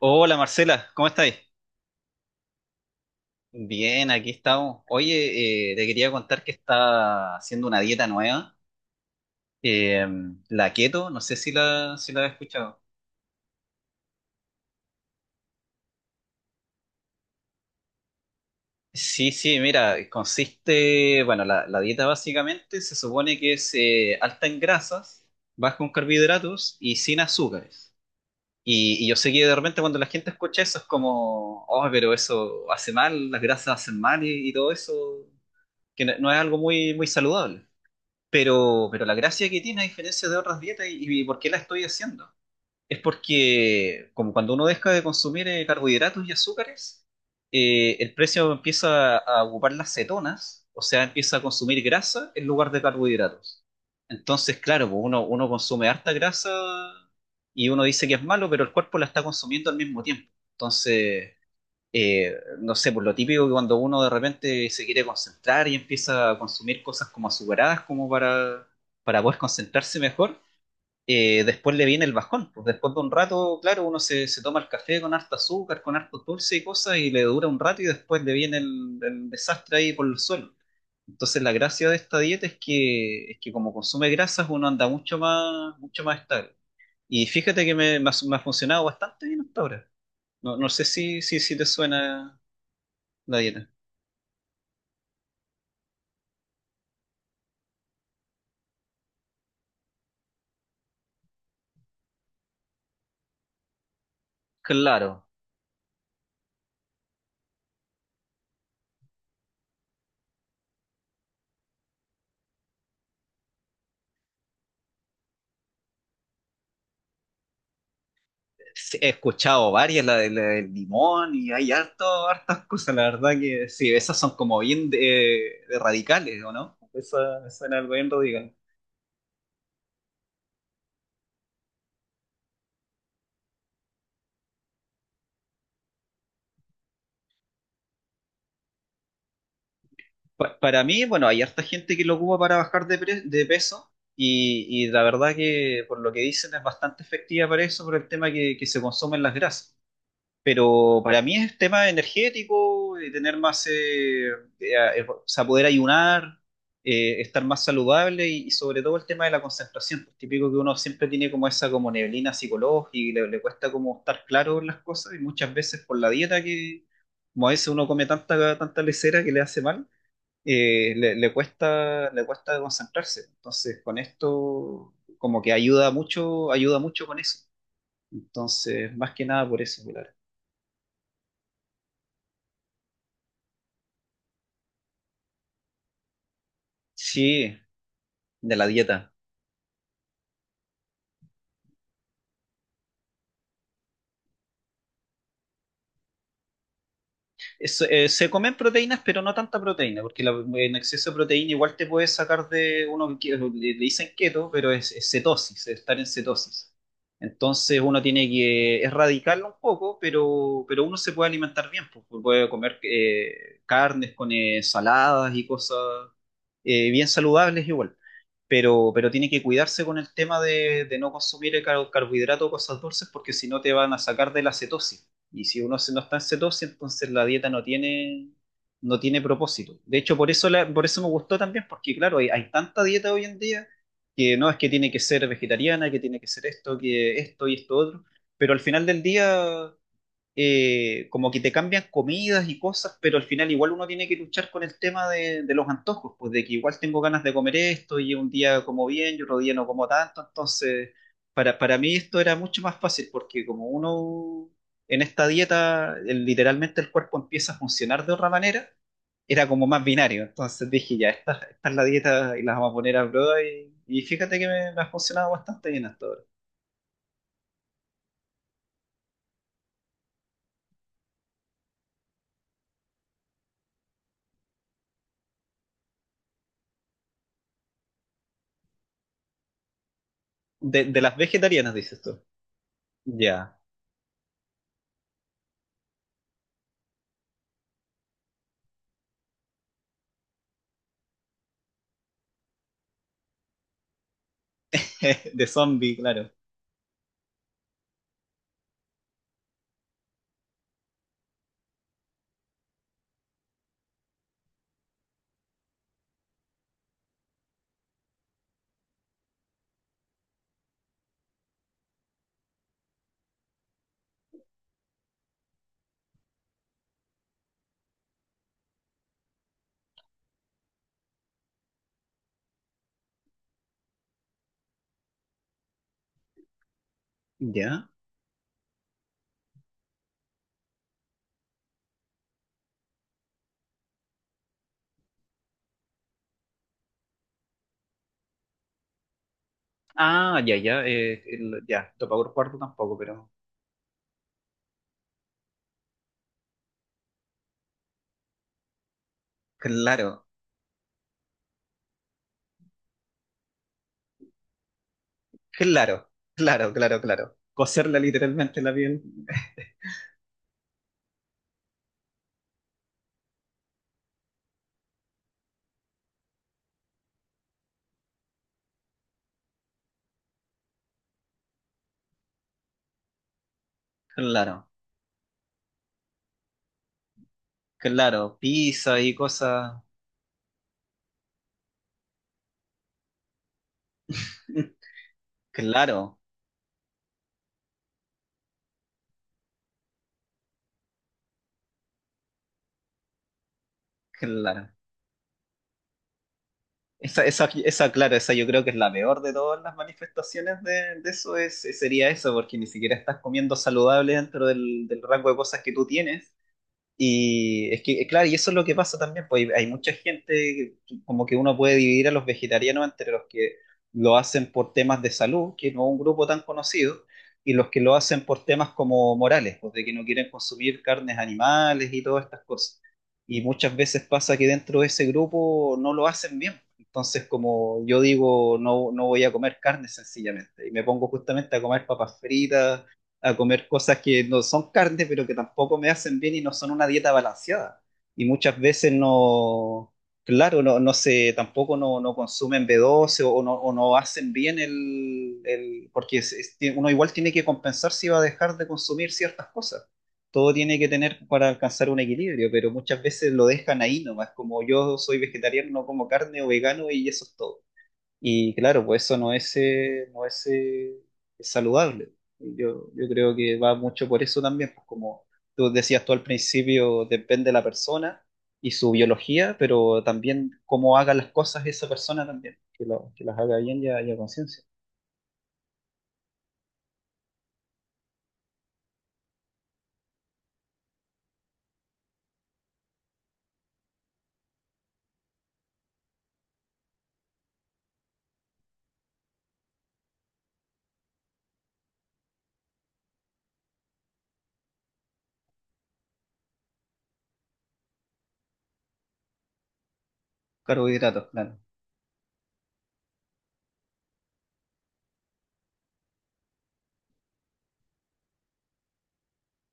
Hola Marcela, ¿cómo estáis? Bien, aquí estamos. Oye, te quería contar que está haciendo una dieta nueva, eh, la keto, no sé si la has escuchado. Sí, sí, mira, consiste, bueno, la dieta básicamente se supone que es alta en grasas, baja en carbohidratos y sin azúcares. Y yo sé que de repente cuando la gente escucha eso es como, oh, pero eso hace mal, las grasas hacen mal y todo eso, que no, no es algo muy, muy saludable. Pero la gracia que tiene, a diferencia de otras dietas, y por qué la estoy haciendo, es porque como cuando uno deja de consumir carbohidratos y azúcares, el precio empieza a ocupar las cetonas, o sea, empieza a consumir grasa en lugar de carbohidratos. Entonces, claro, pues uno consume harta grasa y uno dice que es malo, pero el cuerpo la está consumiendo al mismo tiempo. Entonces, no sé, por lo típico que cuando uno de repente se quiere concentrar y empieza a consumir cosas como azucaradas, como para poder concentrarse mejor, después le viene el bajón. Pues después de un rato, claro, uno se toma el café con harta azúcar, con harto dulce y cosas, y le dura un rato y después le viene el desastre ahí por el suelo. Entonces la gracia de esta dieta es que como consume grasas uno anda mucho más estable. Y fíjate que me, me ha funcionado bastante bien hasta ahora. No, no sé si te suena la dieta. Claro. Sí, he escuchado varias, la del limón y hay harto, hartas cosas, la verdad que sí, esas son como bien de radicales, ¿o no? Esa suena algo bien radical. Para mí, bueno, hay harta gente que lo ocupa para bajar de, de peso y la verdad que por lo que dicen es bastante efectiva para eso, por el tema que se consumen las grasas. Pero para mí es tema energético, de tener más, o sea, poder ayunar, estar más saludable y sobre todo el tema de la concentración. Es típico que uno siempre tiene como esa como neblina psicológica y le cuesta como estar claro en las cosas y muchas veces por la dieta que, como a veces uno come tanta, tanta lesera que le hace mal, le, le cuesta concentrarse. Entonces, con esto como que ayuda mucho con eso. Entonces, más que nada por eso, claro. Sí, de la dieta. Se comen proteínas, pero no tanta proteína, porque en exceso de proteína igual te puede sacar de uno que le, le dicen keto, pero es cetosis, es estar en cetosis. Entonces uno tiene que erradicarlo un poco, pero uno se puede alimentar bien, pues, pues, puede comer carnes con saladas y cosas bien saludables igual. Pero tiene que cuidarse con el tema de no consumir carbohidrato o cosas dulces, porque si no te van a sacar de la cetosis. Y si uno no está en cetosis, entonces la dieta no tiene, no tiene propósito. De hecho, por eso, por eso me gustó también, porque claro, hay tanta dieta hoy en día que no es que tiene que ser vegetariana, que tiene que ser esto, que esto y esto otro, pero al final del día como que te cambian comidas y cosas, pero al final igual uno tiene que luchar con el tema de los antojos, pues de que igual tengo ganas de comer esto y un día como bien y otro día no como tanto, entonces para mí esto era mucho más fácil porque como uno en esta dieta literalmente el cuerpo empieza a funcionar de otra manera, era como más binario, entonces dije ya, esta es la dieta y las vamos a poner a prueba y fíjate que me ha funcionado bastante bien hasta ahora. De las vegetarianas, dices tú. Ya, de zombie, claro. Ya. Ah, ya, ya. Topagor cuarto tampoco, pero. Claro, claro, claro, claro, claro. Coserla literalmente la piel. Claro, claro. Pizza y cosas. Claro, claro. Esa, claro, esa yo creo que es la peor de todas las manifestaciones de eso, es, sería eso, porque ni siquiera estás comiendo saludable dentro del, del rango de cosas que tú tienes. Y es que, claro, y eso es lo que pasa también, pues hay mucha gente, como que uno puede dividir a los vegetarianos entre los que lo hacen por temas de salud, que no es un grupo tan conocido, y los que lo hacen por temas como morales, pues de que no quieren consumir carnes animales y todas estas cosas. Y muchas veces pasa que dentro de ese grupo no lo hacen bien. Entonces, como yo digo, no, no voy a comer carne sencillamente, y me pongo justamente a comer papas fritas a comer cosas que no son carne, pero que tampoco me hacen bien y no son una dieta balanceada. Y muchas veces no, claro, no, no sé, tampoco no, no consumen B12 o no hacen bien el, porque uno igual tiene que compensar si va a dejar de consumir ciertas cosas. Todo tiene que tener para alcanzar un equilibrio, pero muchas veces lo dejan ahí nomás, como yo soy vegetariano, no como carne o vegano y eso es todo. Y claro, pues eso no es, no es, saludable. Yo creo que va mucho por eso también, pues como tú decías tú al principio, depende de la persona y su biología, pero también cómo haga las cosas esa persona también, que, que las haga bien y a conciencia. Carbohidratos, claro.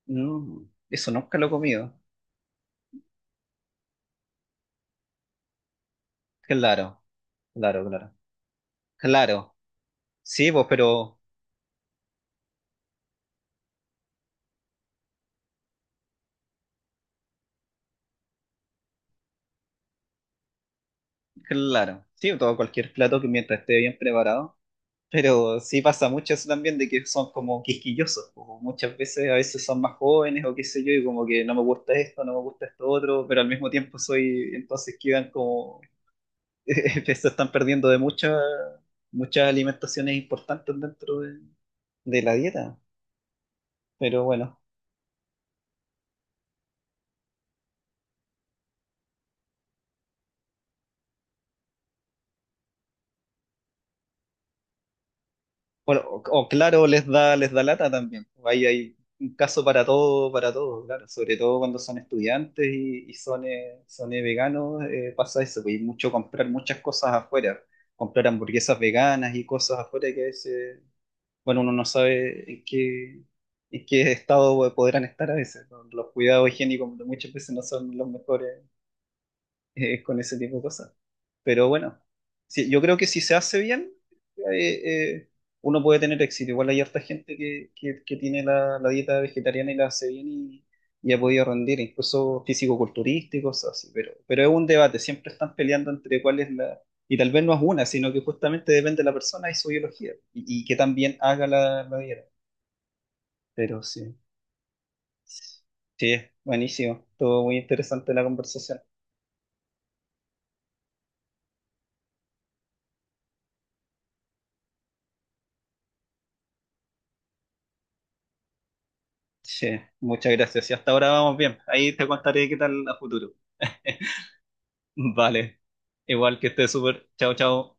Mm, eso nunca lo he comido. Claro, claro, claro. Claro, sí, pues, pero claro. Sí, todo cualquier plato que mientras esté bien preparado. Pero sí pasa mucho eso también de que son como quisquillosos, como muchas veces a veces son más jóvenes o qué sé yo, y como que no me gusta esto, no me gusta esto otro, pero al mismo tiempo soy, entonces quedan como, se están perdiendo de muchas, muchas alimentaciones importantes dentro de la dieta. Pero bueno, bueno, o claro, les da lata también. Ahí hay un caso para todo, claro. Sobre todo cuando son estudiantes y son, son veganos, pasa eso, pues, y mucho comprar muchas cosas afuera, comprar hamburguesas veganas y cosas afuera que a veces, bueno, uno no sabe en qué estado podrán estar a veces, ¿no? Los cuidados higiénicos muchas veces no son los mejores con ese tipo de cosas. Pero bueno, sí, yo creo que si se hace bien, eh, eh, uno puede tener éxito. Igual hay harta gente que tiene la, la dieta vegetariana y la hace bien y ha podido rendir, incluso físico-culturista y cosas así. Pero es un debate, siempre están peleando entre cuál es la... Y tal vez no es una, sino que justamente depende de la persona y su biología, y que también haga la, la dieta. Pero sí, sí, buenísimo, todo muy interesante la conversación. Sí, muchas gracias. Y hasta ahora vamos bien. Ahí te contaré qué tal a futuro. Vale. Igual que estés súper. Chao, chao.